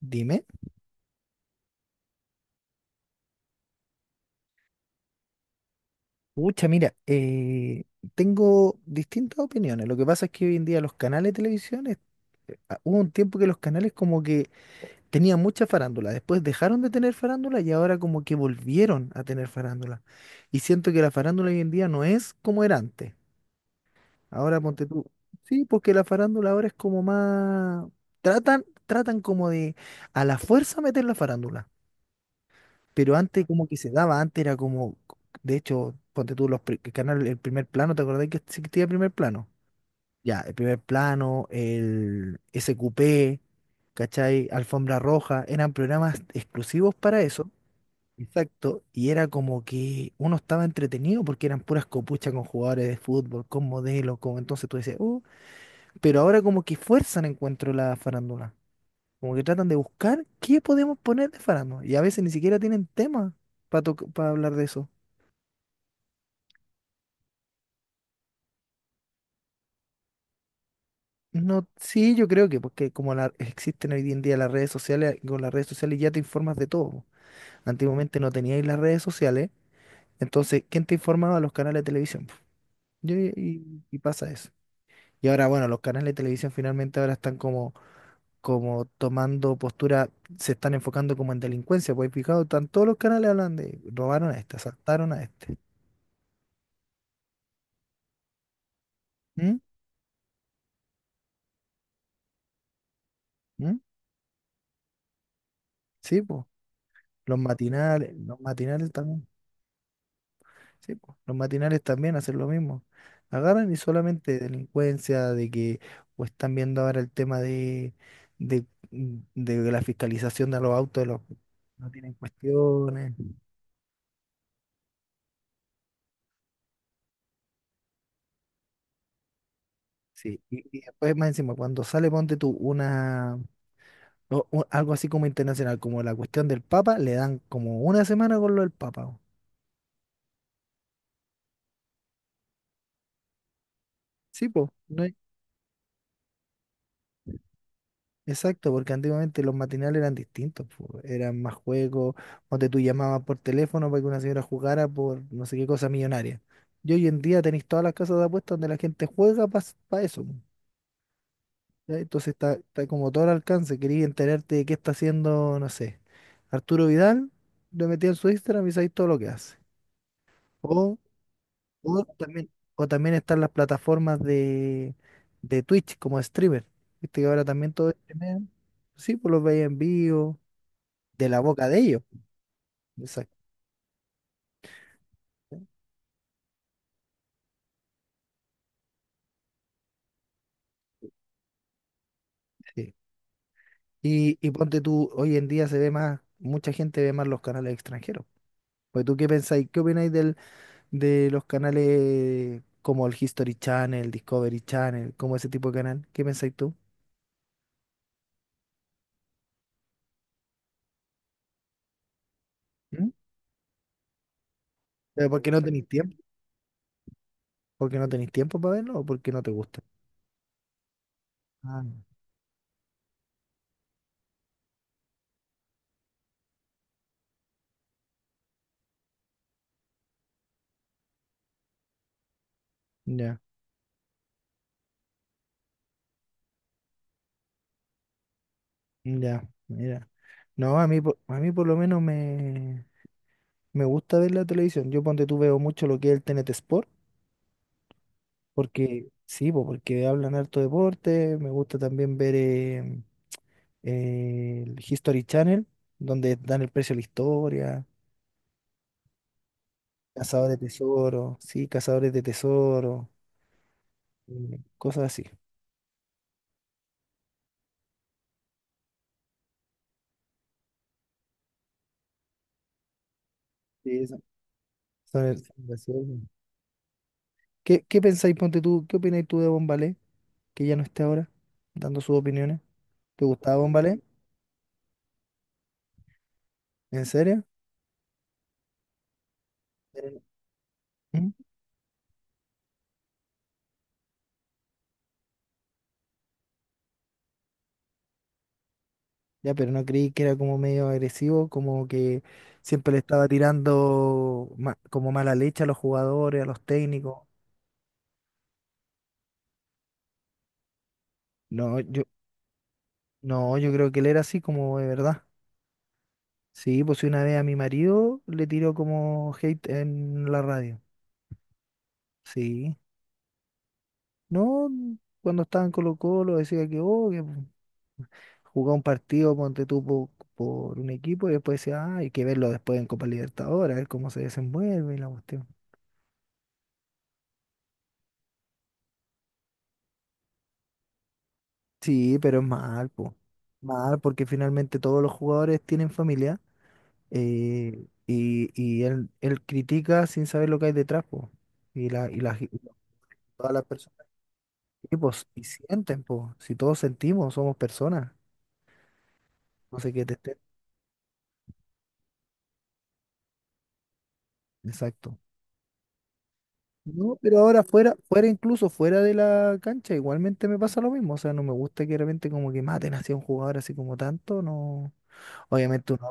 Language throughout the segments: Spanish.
Dime. Pucha, mira, tengo distintas opiniones. Lo que pasa es que hoy en día los canales de televisión, hubo un tiempo que los canales como que tenían mucha farándula, después dejaron de tener farándula y ahora como que volvieron a tener farándula. Y siento que la farándula hoy en día no es como era antes. Ahora ponte tú. Sí, porque la farándula ahora es como más. Tratan como de a la fuerza meter la farándula, pero antes como que se daba, antes era como, de hecho, ponte tú que canal, el primer plano. ¿Te acordás que existía el primer plano? Ya, el primer plano, el SQP, ¿cachai? Alfombra Roja, eran programas exclusivos para eso, exacto, y era como que uno estaba entretenido porque eran puras copuchas con jugadores de fútbol, con modelos, con entonces tú dices, pero ahora como que fuerzan encuentro la farándula. Como que tratan de buscar qué podemos poner de farándula. Y a veces ni siquiera tienen tema para hablar de eso. No, sí, yo creo que porque existen hoy en día las redes sociales, con las redes sociales ya te informas de todo, po. Antiguamente no teníais las redes sociales, entonces, ¿quién te informaba? Los canales de televisión, po. Y pasa eso. Y ahora, bueno, los canales de televisión finalmente ahora están como como tomando postura, se están enfocando como en delincuencia, pues picado están todos los canales, hablan de robaron a este, asaltaron a este. ¿Mm? ¿Mm? Sí, pues, los matinales también, sí, po, los matinales también hacen lo mismo. Agarran y solamente delincuencia, de que, o están viendo ahora el tema de, de, de la fiscalización de los autos, de los, no tienen cuestiones. Sí, y después más encima, cuando sale, ponte tú una, o algo así como internacional, como la cuestión del Papa, le dan como una semana con lo del Papa, po. Sí, pues, exacto, porque antiguamente los matinales eran distintos, po, eran más juegos, donde tú llamabas por teléfono para que una señora jugara por no sé qué cosa millonaria. Y hoy en día tenéis todas las casas de apuestas donde la gente juega para eso, po. ¿Ya? Entonces está, está como todo al alcance, quería enterarte de qué está haciendo, no sé, Arturo Vidal, lo metí en su Instagram y sabéis todo lo que hace. O, o también, o también están las plataformas de Twitch como streamer. Viste que ahora también todo streamean. Sí, pues los veía en vivo, de la boca de ellos. Exacto. Sí. Y ponte tú, hoy en día se ve más, mucha gente ve más los canales extranjeros. Pues tú qué pensáis, qué opináis del, de los canales como el History Channel, Discovery Channel, ¿como ese tipo de canal? ¿Qué pensáis tú? ¿Mm? ¿Pero por qué no tenéis tiempo? ¿Por qué no tenéis tiempo para verlo o por qué no te gusta? Ah, ya, ya, mira. No, a mí, a mí por lo menos me, me gusta ver la televisión. Yo ponte tú veo mucho lo que es el T N T Sport. Porque, sí, po, porque hablan harto deporte, me gusta también ver el History Channel, donde dan el precio a la historia, cazadores de tesoro, sí, cazadores de tesoro, cosas así. Sí, eso. Son graciosos. ¿Qué, qué pensáis, ponte tú, qué opináis tú de Bombalé, que ya no esté ahora dando sus opiniones? ¿Te gustaba Bombalé? ¿En serio? Eh, ¿Mm? Ya, pero no creí que era como medio agresivo, como que siempre le estaba tirando como mala leche a los jugadores, a los técnicos. No, yo, no, yo creo que él era así como de verdad. Sí, pues una vez a mi marido le tiró como hate en la radio. Sí. No, cuando estaba en Colo-Colo decía que, oh, que jugaba un partido, ponte tú por un equipo y después decía, ah, hay que verlo después en Copa Libertadores, a ver cómo se desenvuelve y la cuestión. Sí, pero es mal, po. Mal, porque finalmente todos los jugadores tienen familia, y él, él critica sin saber lo que hay detrás, po. Y todas las personas, y pues y sienten, po. Si todos sentimos, somos personas. No sé qué te esté. Exacto. No, pero ahora fuera, fuera, incluso fuera de la cancha, igualmente me pasa lo mismo. O sea, no me gusta que de repente como que maten hacia un jugador así como tanto, no. Obviamente uno,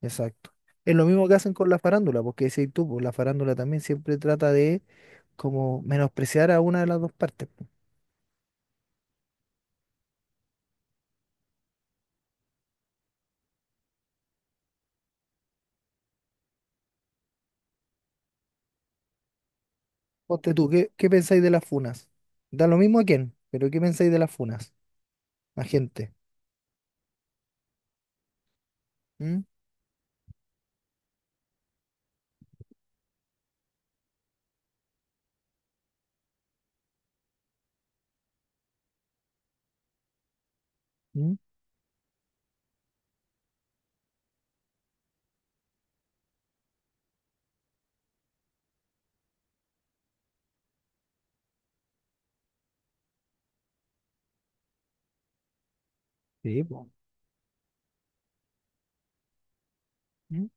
exacto. Es lo mismo que hacen con la farándula, porque decís tú, pues, la farándula también siempre trata de como menospreciar a una de las dos partes, po. Ponte tú, ¿qué, qué pensáis de las funas? Da lo mismo a quién, pero ¿qué pensáis de las funas? A gente. ¿Mm? ¿Mm? Sí, po. ¿Mm?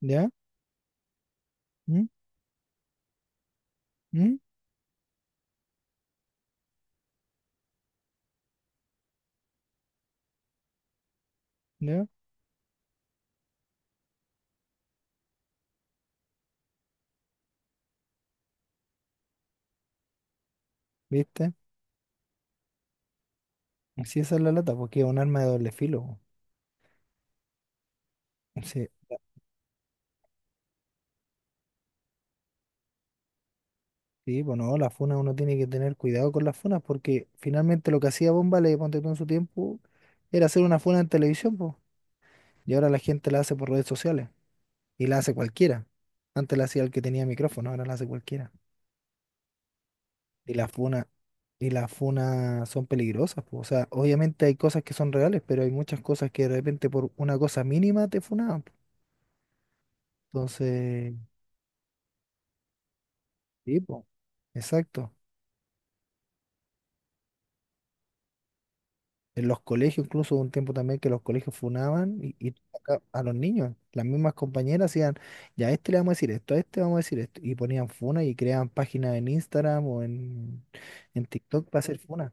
¿Ya? ¿Mm? ¿Mm? ¿Ya? ¿Viste? Así esa es la lata, porque es un arma de doble filo, po. Sí, sí, pues no, las funas uno tiene que tener cuidado con las funas, porque finalmente lo que hacía Bomba le ponte tú en su tiempo, era hacer una funa en televisión. Y ahora la gente la hace por redes sociales y la hace cualquiera. Antes la hacía el que tenía micrófono, ahora la hace cualquiera. Y las funas, y las funas son peligrosas, po. O sea, obviamente hay cosas que son reales, pero hay muchas cosas que de repente por una cosa mínima te funaban, po. Entonces, sí, po, exacto. En los colegios, incluso hubo un tiempo también que los colegios funaban y acá a los niños, las mismas compañeras hacían, ya a este le vamos a decir esto, a este vamos a decir esto, y ponían funa y creaban páginas en Instagram o en TikTok para hacer funa.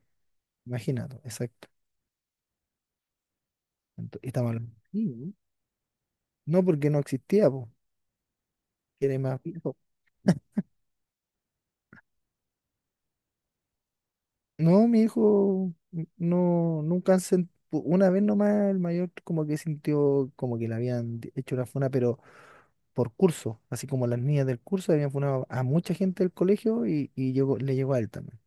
Imagínate, exacto. Y estamos hablando de niños. No. No, porque no existía, po, que era más viejo. No, mi hijo, no, nunca han sentido, una vez nomás el mayor como que sintió como que le habían hecho una funa, pero por curso, así como las niñas del curso habían funado a mucha gente del colegio y llegó, le llegó a él también.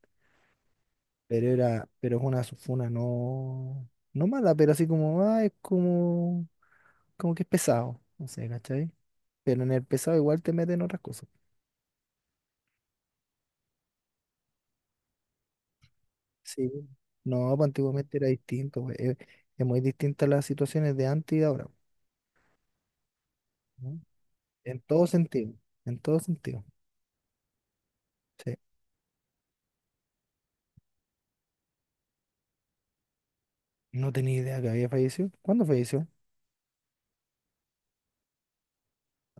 Pero era, pero es una funa no, no mala, pero así como, ah, es como como que es pesado, no sé, ¿cachai? Pero en el pesado igual te meten otras cosas. Sí. No, pues antiguamente era distinto, pues. Es muy distinta las situaciones de antes y de ahora. ¿No? En todo sentido, en todo sentido. Sí. No tenía idea que había fallecido. ¿Cuándo falleció?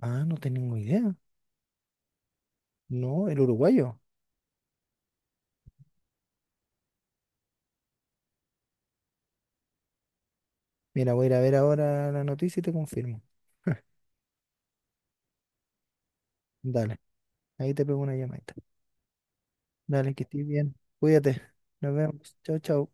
Ah, no tengo idea. No, el uruguayo. Mira, voy a ir a ver ahora la noticia y te confirmo. Dale, ahí te pego una llamadita. Dale, que estés bien. Cuídate. Nos vemos. Chao, chao.